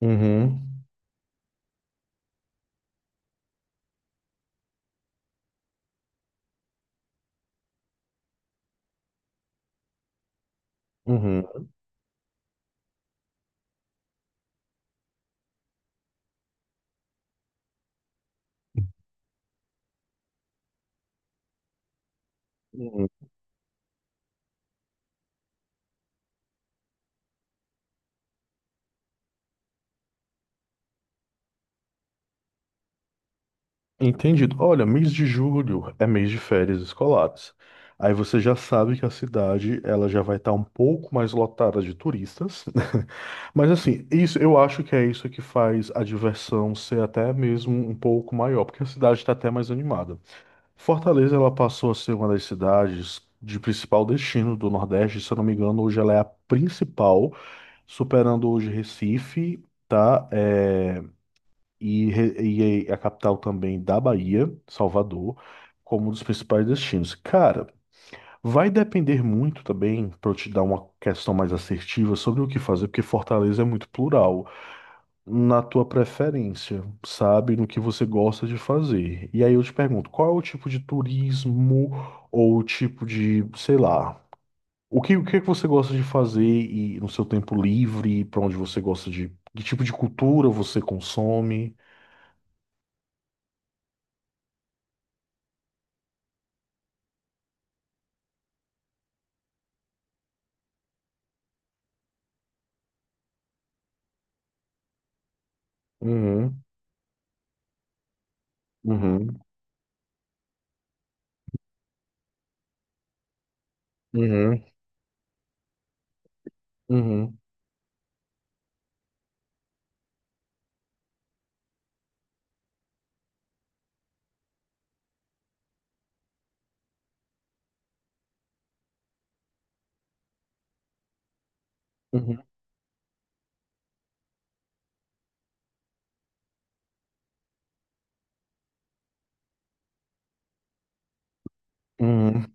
Uhum, uhum, uhum. Entendido. Olha, mês de julho é mês de férias escolares. Aí você já sabe que a cidade ela já vai estar um pouco mais lotada de turistas. Mas assim, isso eu acho que é isso que faz a diversão ser até mesmo um pouco maior, porque a cidade está até mais animada. Fortaleza ela passou a ser uma das cidades de principal destino do Nordeste, se eu não me engano, hoje ela é a principal, superando hoje Recife, tá? E a capital também da Bahia, Salvador, como um dos principais destinos. Cara, vai depender muito também, para eu te dar uma questão mais assertiva sobre o que fazer, porque Fortaleza é muito plural, na tua preferência, sabe, no que você gosta de fazer. E aí eu te pergunto, qual é o tipo de turismo ou o tipo de, sei lá, o que é que você gosta de fazer e no seu tempo livre, para onde você gosta de, que tipo de cultura você consome? Uhum. Uhum, uhum, uhum, uhum, uhum.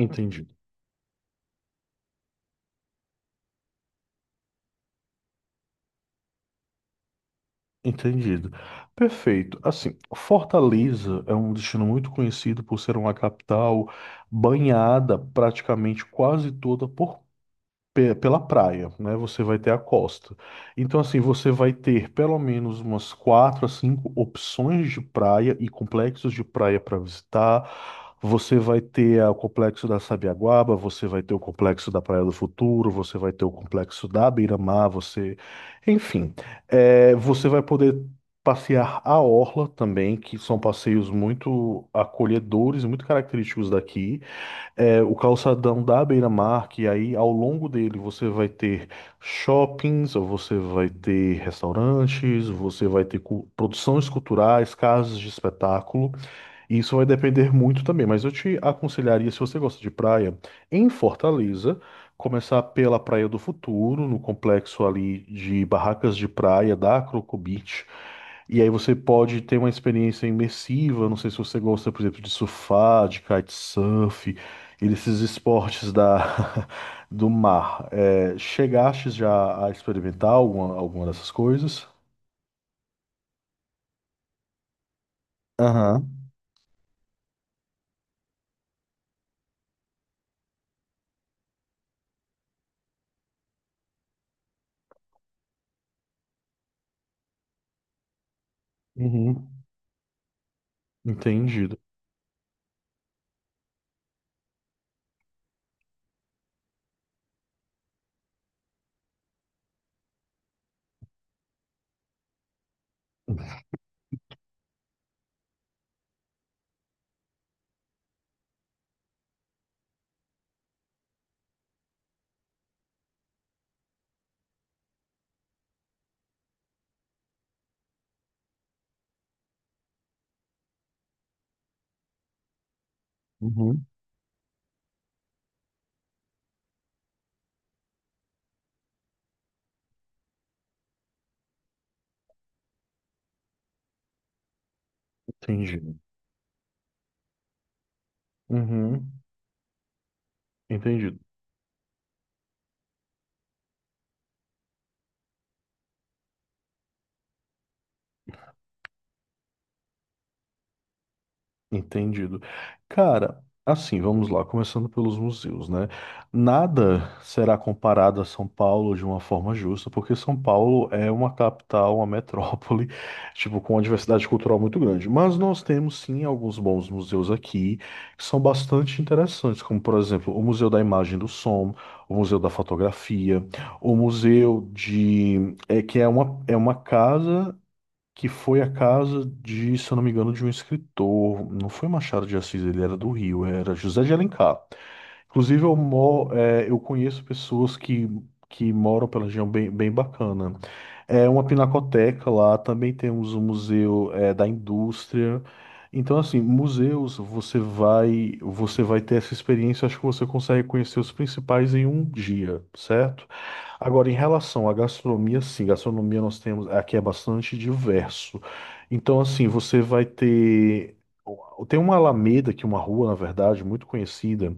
Entendido. Entendido. Perfeito. Assim, Fortaleza é um destino muito conhecido por ser uma capital banhada praticamente quase toda por pela praia, né? Você vai ter a costa. Então, assim, você vai ter pelo menos umas quatro a cinco opções de praia e complexos de praia para visitar. Você vai ter o complexo da Sabiaguaba, você vai ter o complexo da Praia do Futuro, você vai ter o complexo da Beira-Mar, você, enfim, você vai poder passear a orla também, que são passeios muito acolhedores, muito característicos daqui. É, o calçadão da beira-mar, que aí ao longo dele você vai ter shoppings, ou você vai ter restaurantes, você vai ter produções culturais, casas de espetáculo. Isso vai depender muito também, mas eu te aconselharia, se você gosta de praia, em Fortaleza, começar pela Praia do Futuro, no complexo ali de barracas de praia da Croco Beach. E aí você pode ter uma experiência imersiva, não sei se você gosta, por exemplo, de surfar, de kitesurf, e desses esportes da, do mar. É, chegaste já a experimentar alguma dessas coisas? Aham. Uhum. Entendido. Uhum, entendido. Uhum, entendido, entendido. Cara, assim, vamos lá, começando pelos museus, né? Nada será comparado a São Paulo de uma forma justa, porque São Paulo é uma capital, uma metrópole, tipo, com uma diversidade cultural muito grande. Mas nós temos sim alguns bons museus aqui que são bastante interessantes, como por exemplo, o Museu da Imagem e do Som, o Museu da Fotografia, o Museu de é que é uma casa que foi a casa de, se eu não me engano, de um escritor. Não foi Machado de Assis, ele era do Rio, era José de Alencar. Inclusive, eu conheço pessoas que moram pela região bem, bem bacana. É uma pinacoteca lá, também temos o Museu da Indústria. Então, assim, museus, você vai ter essa experiência, acho que você consegue conhecer os principais em um dia, certo? Agora, em relação à gastronomia, sim, gastronomia nós temos, aqui é bastante diverso. Então, assim, tem uma alameda, que é uma rua, na verdade, muito conhecida,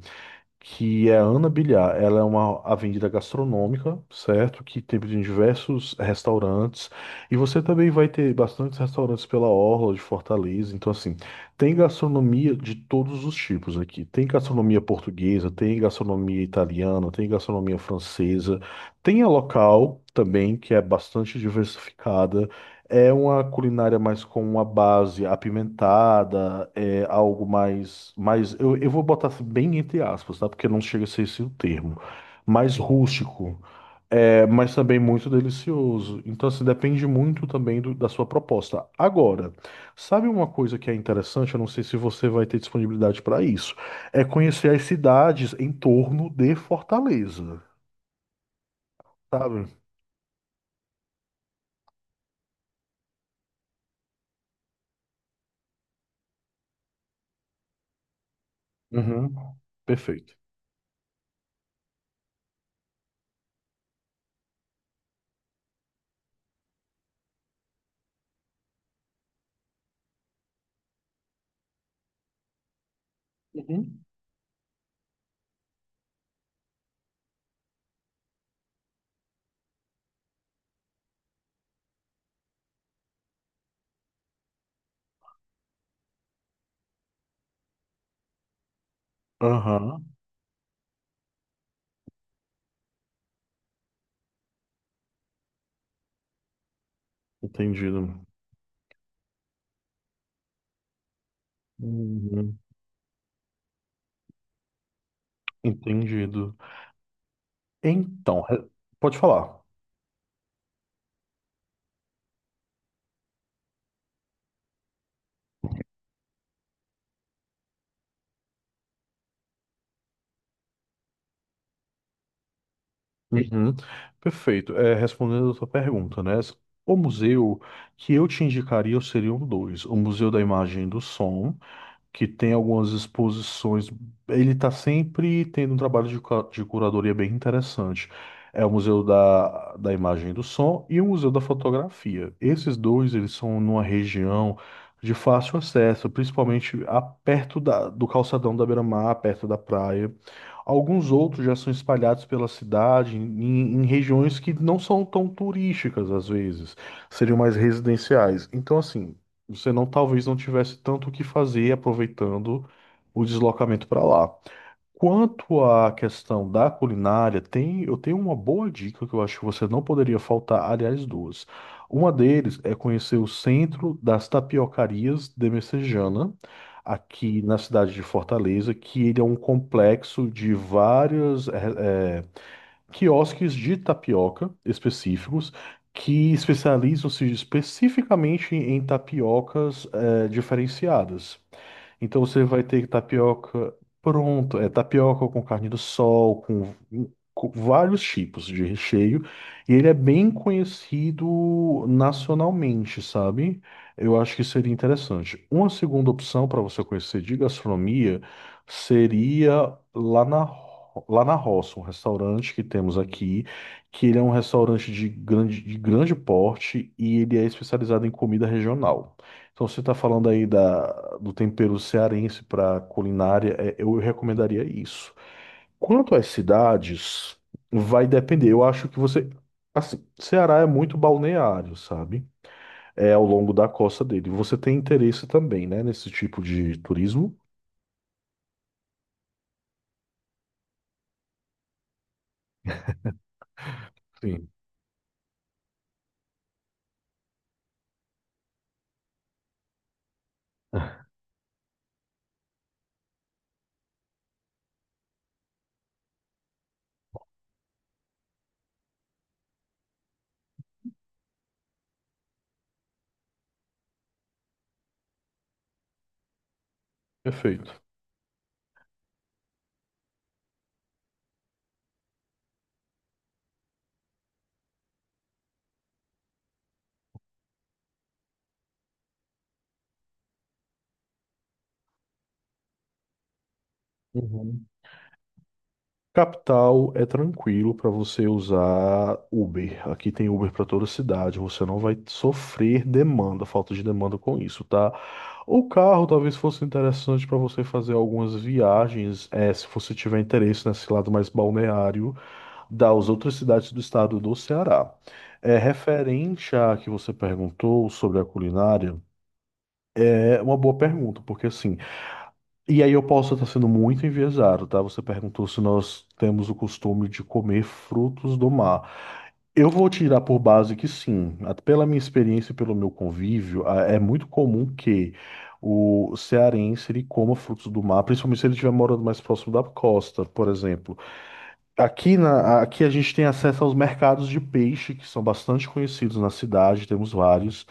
que é a Ana Bilhar. Ela é uma avenida gastronômica, certo? Que tem diversos restaurantes. E você também vai ter bastantes restaurantes pela orla de Fortaleza. Então, assim, tem gastronomia de todos os tipos aqui. Tem gastronomia portuguesa, tem gastronomia italiana, tem gastronomia francesa. Tem a local também, que é bastante diversificada. É uma culinária mais com uma base apimentada, é algo eu vou botar assim, bem entre aspas, tá? Porque não chega a ser esse o termo. Mais rústico, é, mas também muito delicioso. Então, assim, depende muito também da sua proposta. Agora, sabe uma coisa que é interessante? Eu não sei se você vai ter disponibilidade para isso. É conhecer as cidades em torno de Fortaleza, sabe? Uhum. Perfeito. Uhum. Aham, entendido. Uhum, entendido. Então, pode falar. Uhum. Perfeito. É, respondendo a sua pergunta, né? O museu que eu te indicaria seriam dois: o Museu da Imagem e do Som, que tem algumas exposições. Ele está sempre tendo um trabalho de, de curadoria bem interessante. É o Museu da Imagem e do Som e o Museu da Fotografia. Esses dois, eles são numa região de fácil acesso, principalmente perto da, do calçadão da Beira-Mar, perto da praia. Alguns outros já são espalhados pela cidade, em regiões que não são tão turísticas, às vezes, seriam mais residenciais. Então, assim, você não talvez não tivesse tanto o que fazer aproveitando o deslocamento para lá. Quanto à questão da culinária, tem, eu tenho uma boa dica que eu acho que você não poderia faltar, aliás, duas. Uma deles é conhecer o Centro das Tapiocarias de Messejana, aqui na cidade de Fortaleza, que ele é um complexo de várias quiosques de tapioca específicos que especializam-se especificamente em tapiocas diferenciadas. Então você vai ter tapioca pronto, é tapioca com carne do sol, com vários tipos de recheio, e ele é bem conhecido nacionalmente, sabe? Eu acho que seria interessante. Uma segunda opção para você conhecer de gastronomia seria Lá na Roça, um restaurante que temos aqui, que ele é um restaurante de grande porte e ele é especializado em comida regional. Então, você está falando aí da, do tempero cearense para culinária, é, eu recomendaria isso. Quanto às cidades, vai depender. Eu acho que você. Assim, Ceará é muito balneário, sabe? É ao longo da costa dele. Você tem interesse também, né, nesse tipo de turismo? Sim, perfeito. Uhum. Capital é tranquilo para você usar Uber. Aqui tem Uber para toda cidade. Você não vai sofrer demanda, falta de demanda com isso, tá? O carro talvez fosse interessante para você fazer algumas viagens, se você tiver interesse nesse lado mais balneário das outras cidades do estado do Ceará. É referente a que você perguntou sobre a culinária. É uma boa pergunta, porque assim. E aí eu posso estar sendo muito enviesado, tá? Você perguntou se nós temos o costume de comer frutos do mar. Eu vou tirar por base que sim. Pela minha experiência e pelo meu convívio, é muito comum que o cearense ele coma frutos do mar, principalmente se ele estiver morando mais próximo da costa, por exemplo. Aqui a gente tem acesso aos mercados de peixe, que são bastante conhecidos na cidade, temos vários.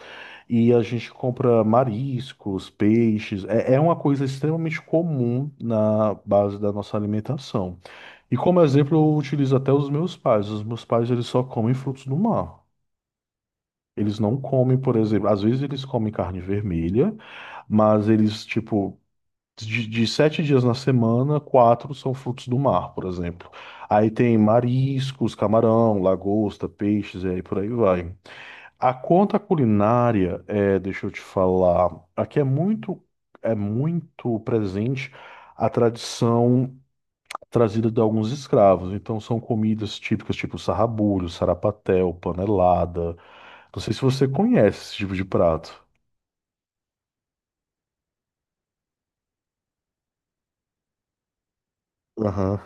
E a gente compra mariscos, peixes. É, é uma coisa extremamente comum na base da nossa alimentação. E como exemplo, eu utilizo até os meus pais. Os meus pais, eles só comem frutos do mar. Eles não comem, por exemplo, às vezes eles comem carne vermelha, mas eles, tipo, de 7 dias na semana, 4 são frutos do mar, por exemplo. Aí tem mariscos, camarão, lagosta, peixes, e aí por aí vai. A conta culinária, é, deixa eu te falar, aqui é muito presente a tradição trazida de alguns escravos. Então são comidas típicas tipo sarrabulho, sarapatel, panelada. Não sei se você conhece esse tipo de prato. Aham.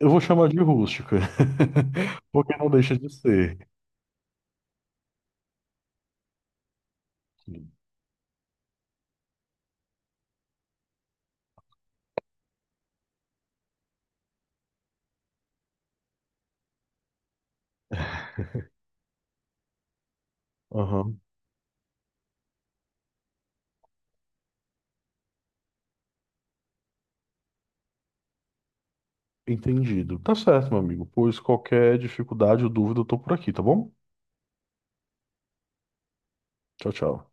Eu vou chamar de rústica, porque não deixa de ser. Aham, entendido. Tá certo, meu amigo. Pois qualquer dificuldade ou dúvida, eu tô por aqui, tá bom? Tchau, tchau.